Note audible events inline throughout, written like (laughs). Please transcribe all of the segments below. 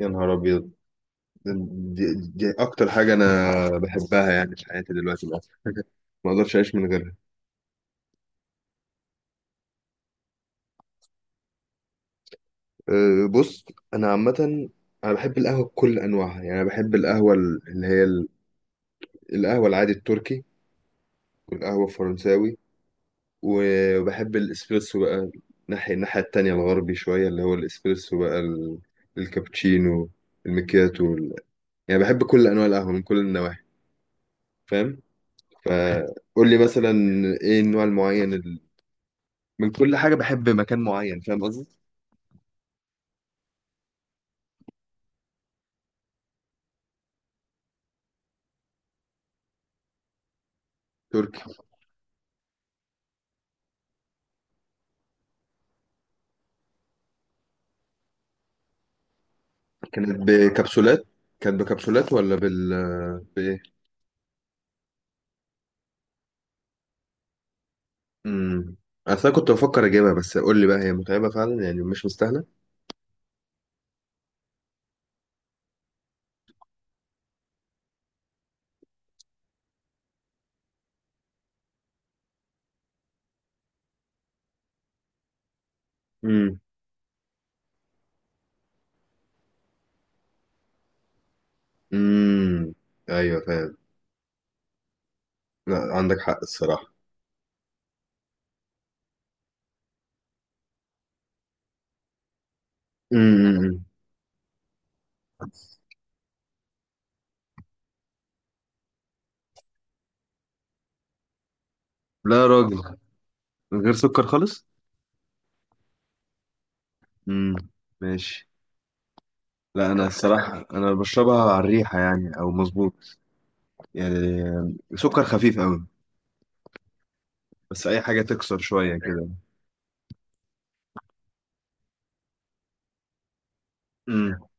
يا نهار ابيض. دي اكتر حاجه انا بحبها يعني في حياتي دلوقتي بقى. (laughs) ما اقدرش اعيش من غيرها. بص، انا عامه انا بحب القهوه بكل انواعها، يعني انا بحب القهوه القهوه العادي التركي والقهوه الفرنساوي، وبحب الاسبريسو بقى ناحية الناحيه التانية الغربي شويه، اللي هو الاسبريسو بقى الكابتشينو، المكياتو. يعني بحب كل انواع القهوه من كل النواحي، فاهم؟ فقول لي مثلا ايه النوع المعين، من كل حاجة بحب مكان معين، فاهم قصدي؟ تركي. كانت بكبسولات؟ كانت بكبسولات ولا بال، بإيه؟ امم. أصل أنا كنت بفكر أجيبها، بس قول لي بقى هي متعبة فعلا يعني مش مستاهلة؟ امم. امم. أيوه فاهم. لا عندك حق الصراحة. امم. لا يا راجل، من غير سكر خالص؟ امم. ماشي. لا أنا الصراحة أنا بشربها على الريحة يعني، أو مظبوط يعني، سكر خفيف أوي، بس أي حاجة تكسر شوية كده.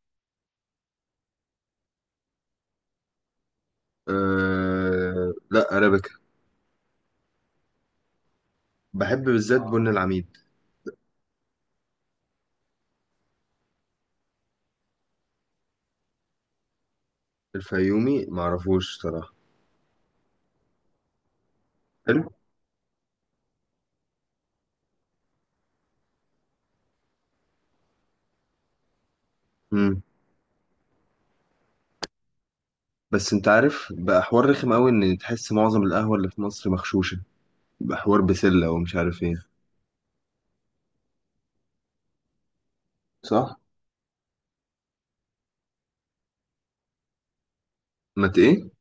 لا أرابيكا، بحب بالذات بن اه العميد. الفيومي معرفوش صراحة. حلو. مم. بس انت عارف بقى، حوار رخم قوي ان تحس معظم القهوة اللي في مصر مغشوشة، بقى حوار بسلة ومش عارف ايه. صح. ما ت- ايه،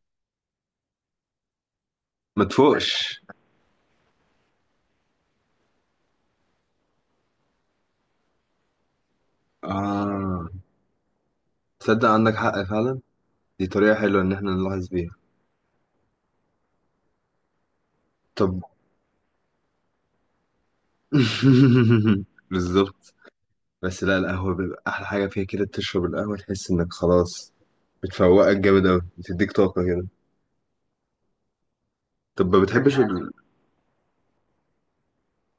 ما تفوقش. اه، تصدق عندك حق فعلا، دي طريقة حلوة ان احنا نلاحظ بيها. طب (laughs) بالظبط. بس لا، القهوة بيبقى احلى حاجة فيها كده، تشرب القهوة تحس انك خلاص بتفوقك جامد قوي، بتديك طاقة كده. طب ما بتحبش يعني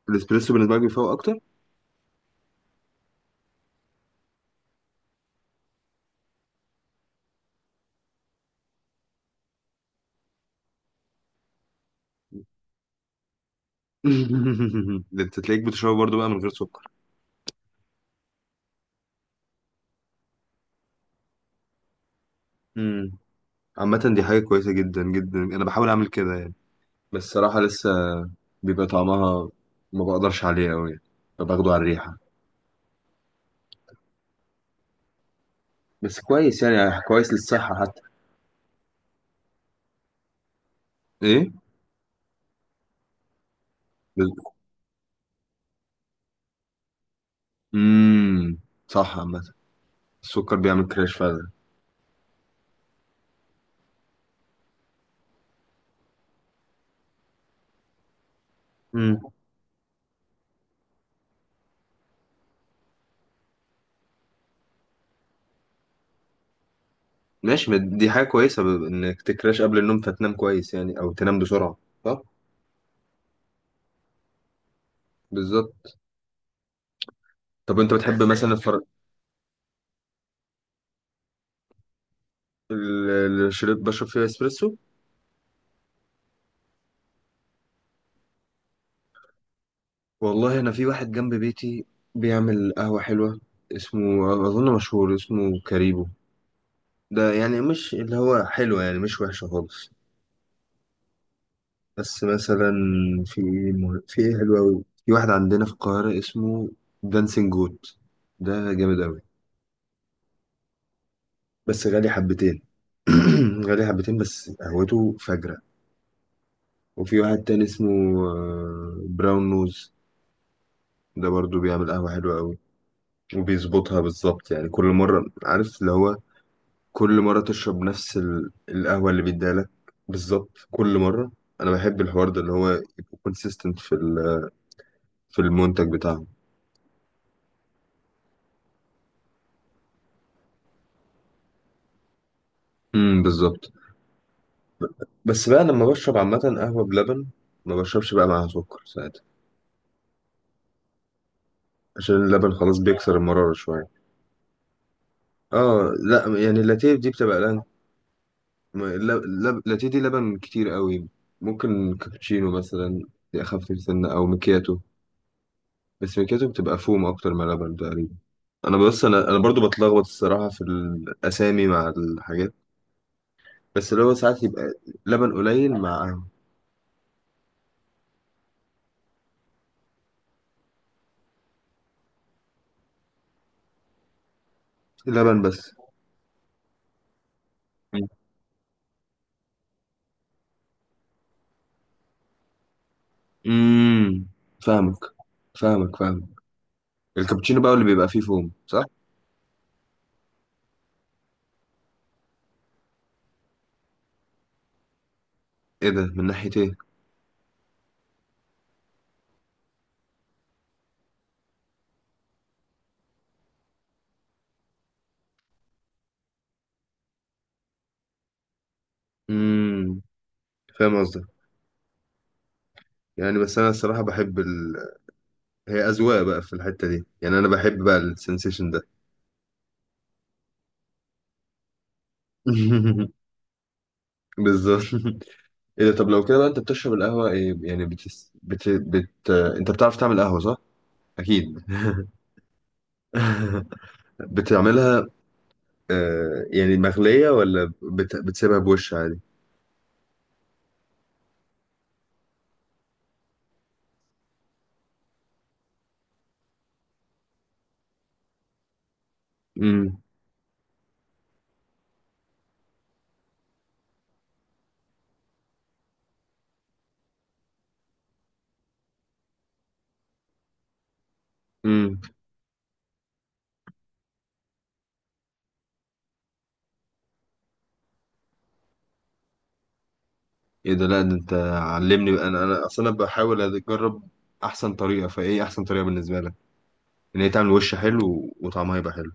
الاسبريسو بالنسبه لك بيفوق اكتر؟ (laughs) ده انت تلاقيك بتشربه برضه بقى من غير سكر. امم. عامه دي حاجه كويسه جدا جدا، انا بحاول اعمل كده يعني، بس صراحه لسه بيبقى طعمها ما بقدرش عليه قوي يعني، فباخده على الريحه. بس كويس يعني، كويس للصحه حتى. ايه. امم. صح. عامه السكر بيعمل كراش فعلا. امم. ماشي، ما دي حاجه كويسه ب- انك تكراش قبل النوم فتنام كويس يعني، او تنام بسرعه. صح. بالظبط. طب انت بتحب مثلا الفراولة؟ الشريط بشرب فيه اسبريسو. والله انا في واحد جنب بيتي بيعمل قهوة حلوة، اسمه اظن مشهور، اسمه كاريبو، ده يعني مش اللي هو حلوة، يعني مش وحشة خالص. بس مثلا في ايه في ايه حلوة أوي، في واحد عندنا في القاهرة اسمه دانسينج جوت، ده جامد أوي بس غالي حبتين. (clears throat) غالي حبتين بس قهوته فجرة. وفي واحد تاني اسمه براون نوز، ده برضو بيعمل قهوة حلوة أوي، وبيظبطها بالظبط يعني كل مرة، عارف اللي هو كل مرة تشرب نفس القهوة اللي بيديها لك، بالظبط كل مرة. أنا بحب الحوار ده، اللي هو يبقى كونسيستنت في في المنتج بتاعهم. امم، بالظبط. بس بقى لما بشرب عامة قهوة بلبن، ما بشربش بقى معاها سكر ساعتها، عشان اللبن خلاص بيكسر المرارة شوية. اه لا، يعني اللاتيه دي بتبقى لبن، اللاتيه دي لبن كتير قوي. ممكن كابتشينو مثلا، دي أخف سنة، أو مكياتو، بس ميكاتو بتبقى فوم اكتر من لبن تقريبا. انا بص، انا برضو بتلخبط الصراحه في الاسامي مع الحاجات، بس اللي هو ساعات يبقى لبن قليل مع لبن بس. امم. فاهمك فاهمك فاهمك. الكابتشينو بقى اللي بيبقى فيه فوم، صح؟ ايه ده، من ناحيه ايه؟ امم، فاهم قصدك، يعني بس انا الصراحه بحب ال... هي اذواق بقى في الحته دي، يعني انا بحب بقى السنسيشن ده. (laughs) بالظبط. ايه ده، طب لو كده بقى انت بتشرب القهوة ايه يعني، بتس... بت... بت... انت بتعرف تعمل قهوة صح؟ اكيد. (laughs) بتعملها، آه يعني، مغلية ولا بت... بتسيبها بوش عادي؟ امم. امم. ايه ده، لا ده انت علمني بقى. انا اصلا بحاول اجرب احسن طريقة، فايه احسن طريقة بالنسبة لك؟ ان هي تعمل وش حلو و- وطعمها يبقى حلو.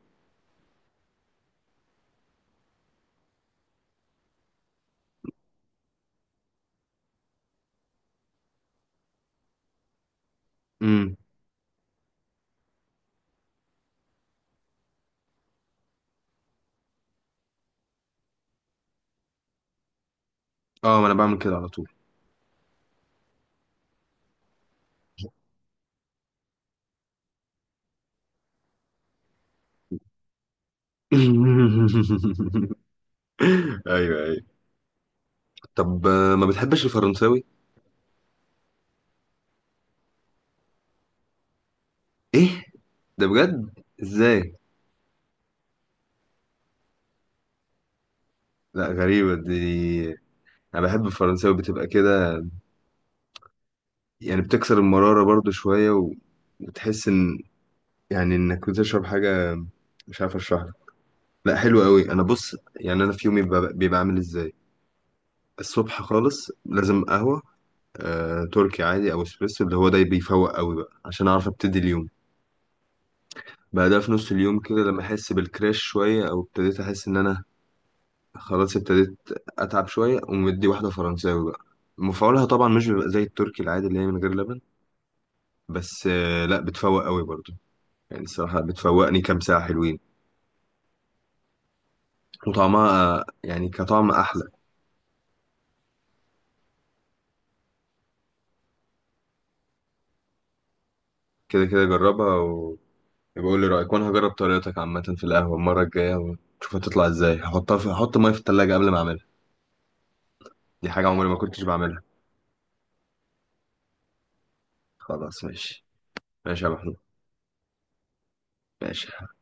امم. اه ما انا بعمل كده على طول. (laughs) ايوه ايوه. طب ما بتحبش الفرنساوي؟ ايه ده، بجد؟ ازاي؟ لا غريبة دي، انا بحب الفرنساوي، بتبقى كده يعني، بتكسر المرارة برضو شوية، و... وتحس ان، يعني انك بتشرب حاجة، مش عارف اشرح لك. لا حلو قوي. انا بص يعني، انا في يومي بيبقى بيبقى عامل ازاي، الصبح خالص لازم قهوة، تركي عادي او اسبريسو، اللي هو ده بيفوق قوي بقى عشان اعرف ابتدي اليوم. بعدها في نص اليوم كده، لما احس بالكراش شوية، او ابتديت احس ان انا خلاص ابتديت اتعب شويه، ومدي واحده فرنساوي بقى، مفعولها طبعا مش بيبقى زي التركي العادي اللي هي من غير لبن، بس لا بتفوق قوي برضو، يعني الصراحه بتفوقني كام ساعه حلوين، وطعمها يعني كطعم احلى. كده كده جربها، وبقول لي رايك، وانا هجرب طريقتك عامه في القهوه المره الجايه، ونشوف هتطلع ازاي، هحطها في هحط ميه في التلاجة قبل ما اعملها. دي حاجه عمري ما كنتش بعملها. خلاص ماشي. ماشي يا محمود. ماشي.